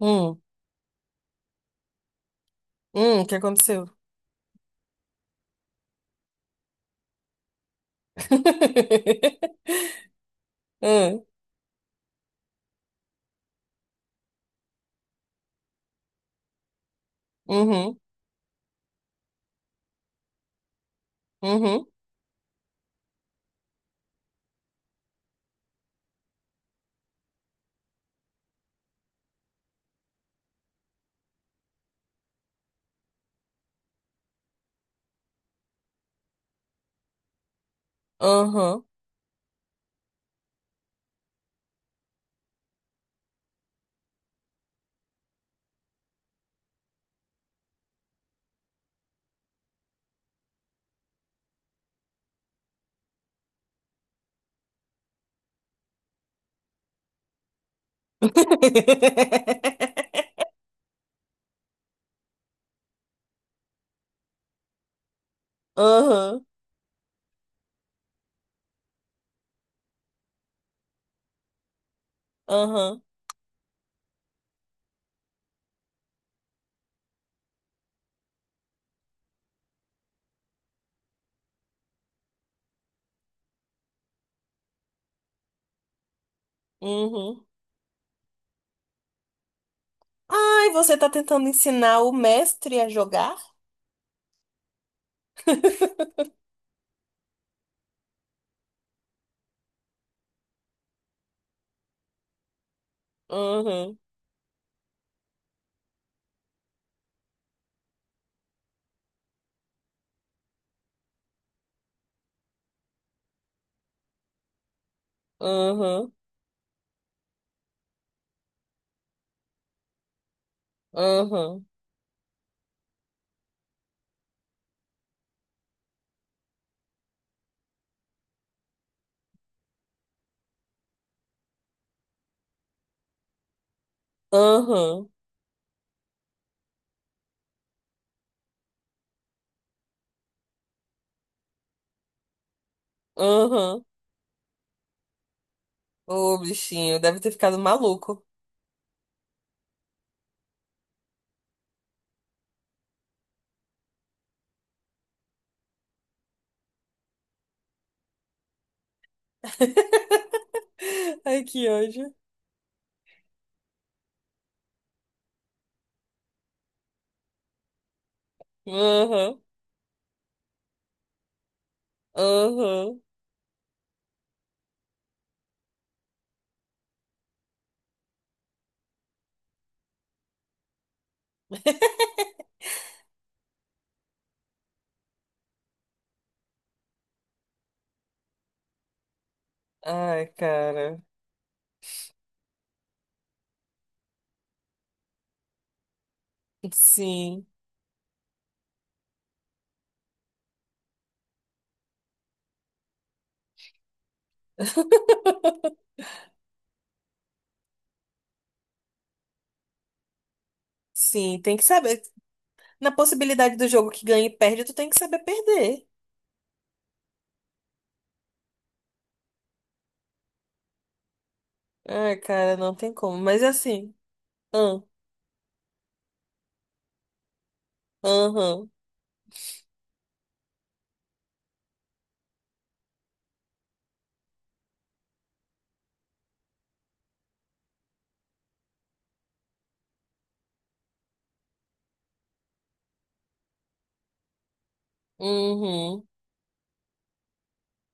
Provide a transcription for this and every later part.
Hum, o que aconteceu? Hum. Uhum. Uhum. Uhum. Aham. Aham. Uhum. Ai, você tá tentando ensinar o mestre a jogar? Aham. Aham. Aham. Aham. Aham. Ô, bichinho, deve ter ficado maluco. Ai, que ódio. Aham. Aham. Ai, cara. Sim. Sim, tem que saber. Na possibilidade do jogo que ganha e perde, tu tem que saber perder. Ai, cara, não tem como. Mas assim. Aham. Aham. Uhum.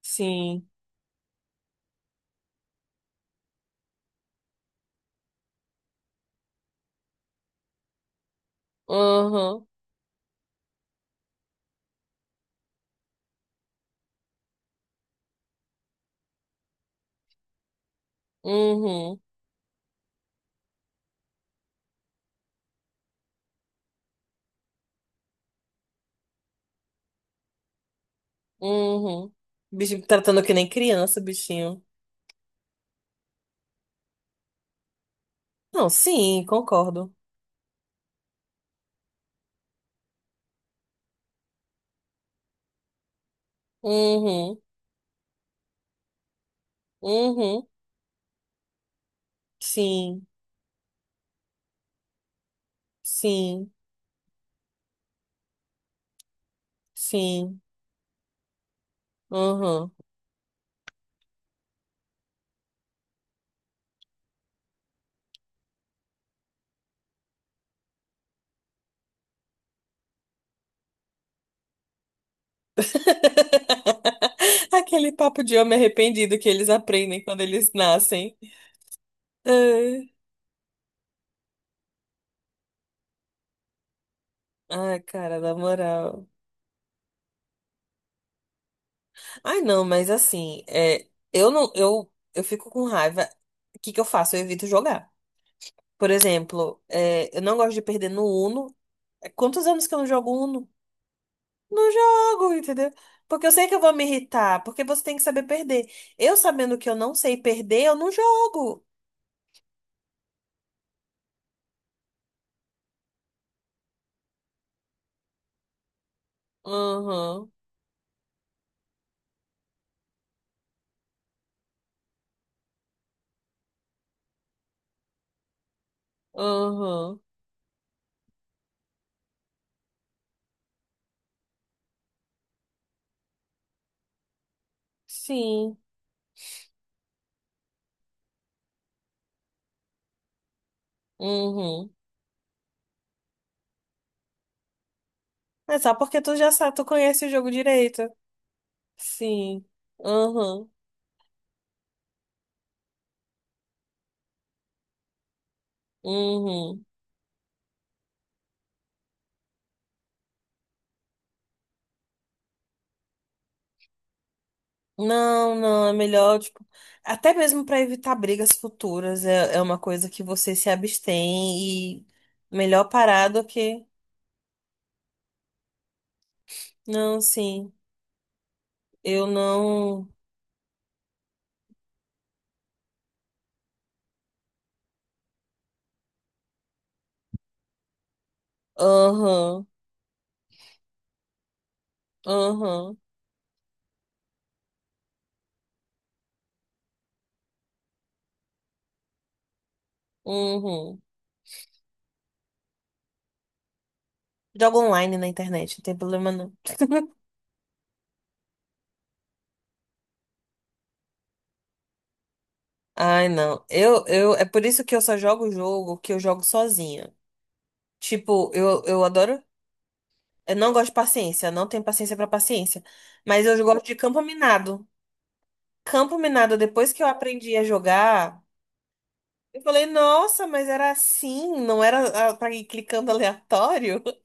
Sim. Aham. Uhum. Uhum. Bichinho tratando que nem criança, bichinho. Não, sim, concordo. Uhum. Uhum. Sim. Sim. Sim. Uhum. Aquele papo de homem arrependido que eles aprendem quando eles nascem. Ai, ai, cara, na moral. Ai, não, mas assim, é, eu não, eu fico com raiva. O que que eu faço? Eu evito jogar. Por exemplo, é, eu não gosto de perder no Uno. É, quantos anos que eu não jogo Uno? Não jogo, entendeu? Porque eu sei que eu vou me irritar, porque você tem que saber perder. Eu sabendo que eu não sei perder, eu não jogo. Uhum, uhum, sim, uhum. É só porque tu já sabe, tu conhece o jogo direito. Sim, uhum. Uhum. Não, não, é melhor, tipo, até mesmo para evitar brigas futuras, é uma coisa que você se abstém e melhor parar do que. Não, sim, eu não. Aham, aham, uhum. Jogo online na internet, não tem problema não. Ai, não. É por isso que eu só jogo o jogo que eu jogo sozinha. Tipo, eu adoro. Eu não gosto de paciência, não tenho paciência pra paciência. Mas eu gosto de campo minado. Campo Minado, depois que eu aprendi a jogar, eu falei, nossa, mas era assim, não era pra ir clicando aleatório?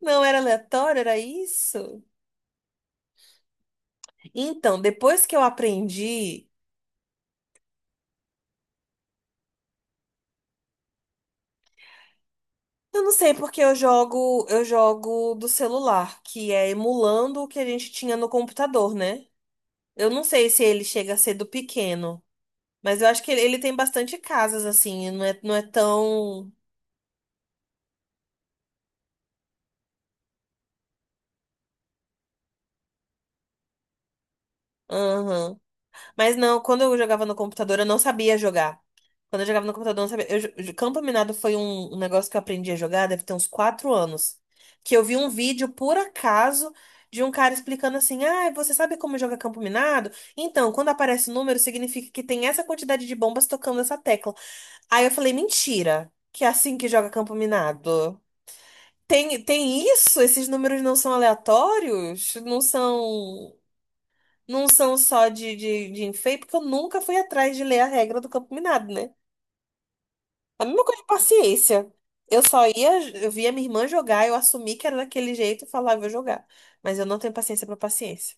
Não era aleatório, era isso? Então, depois que eu aprendi, eu não sei porque eu jogo do celular, que é emulando o que a gente tinha no computador, né? Eu não sei se ele chega a ser do pequeno, mas eu acho que ele tem bastante casas assim, não é, não é tão. Aham. Mas não, quando eu jogava no computador, eu não sabia jogar. Quando eu jogava no computador, eu não sabia. Campo Minado foi um negócio que eu aprendi a jogar, deve ter uns 4 anos. Que eu vi um vídeo, por acaso, de um cara explicando assim: Ah, você sabe como joga Campo Minado? Então, quando aparece o número, significa que tem essa quantidade de bombas tocando essa tecla. Aí eu falei: Mentira, que é assim que joga Campo Minado. Tem isso? Esses números não são aleatórios? Não são só de enfeite, porque eu nunca fui atrás de ler a regra do campo minado, né? A mesma coisa de paciência. Eu só ia, eu via minha irmã jogar, eu assumi que era daquele jeito e falava, "Eu vou jogar. Mas eu não tenho paciência pra paciência.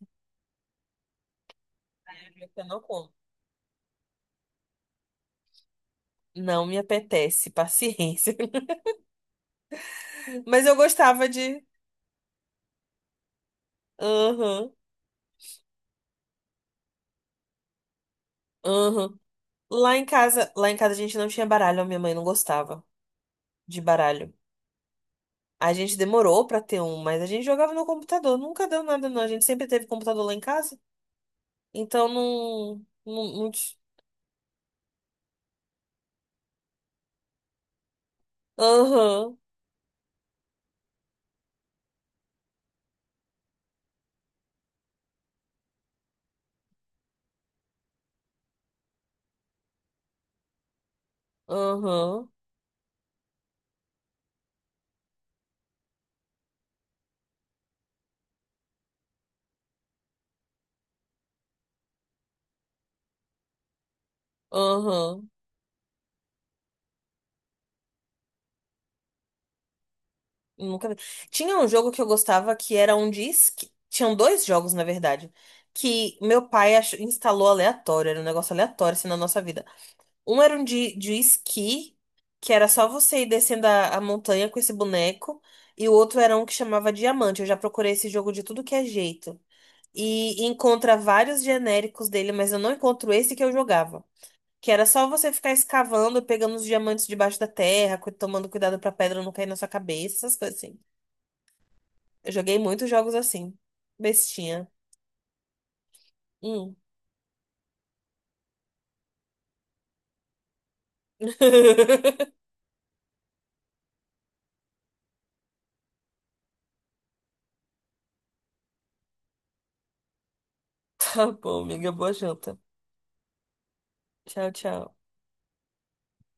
Eu não como. Não me apetece paciência. Mas eu gostava de. Aham, aham. Lá em casa a gente não tinha baralho, a minha mãe não gostava de baralho. A gente demorou pra ter um, mas a gente jogava no computador, nunca deu nada, não. A gente sempre teve computador lá em casa. Então não. Aham, aham, aham. Nunca vi. Tinha um jogo que eu gostava que era um disque. Tinham dois jogos, na verdade. Que meu pai instalou aleatório. Era um negócio aleatório assim na nossa vida. Um era um de esqui, que era só você ir descendo a montanha com esse boneco. E o outro era um que chamava Diamante. Eu já procurei esse jogo de tudo que é jeito. E encontra vários genéricos dele, mas eu não encontro esse que eu jogava. Que era só você ficar escavando, pegando os diamantes debaixo da terra, tomando cuidado pra pedra não cair na sua cabeça, essas coisas assim. Eu joguei muitos jogos assim. Bestinha. Hum. Tá bom, amiga. Boa janta. Tchau, tchau.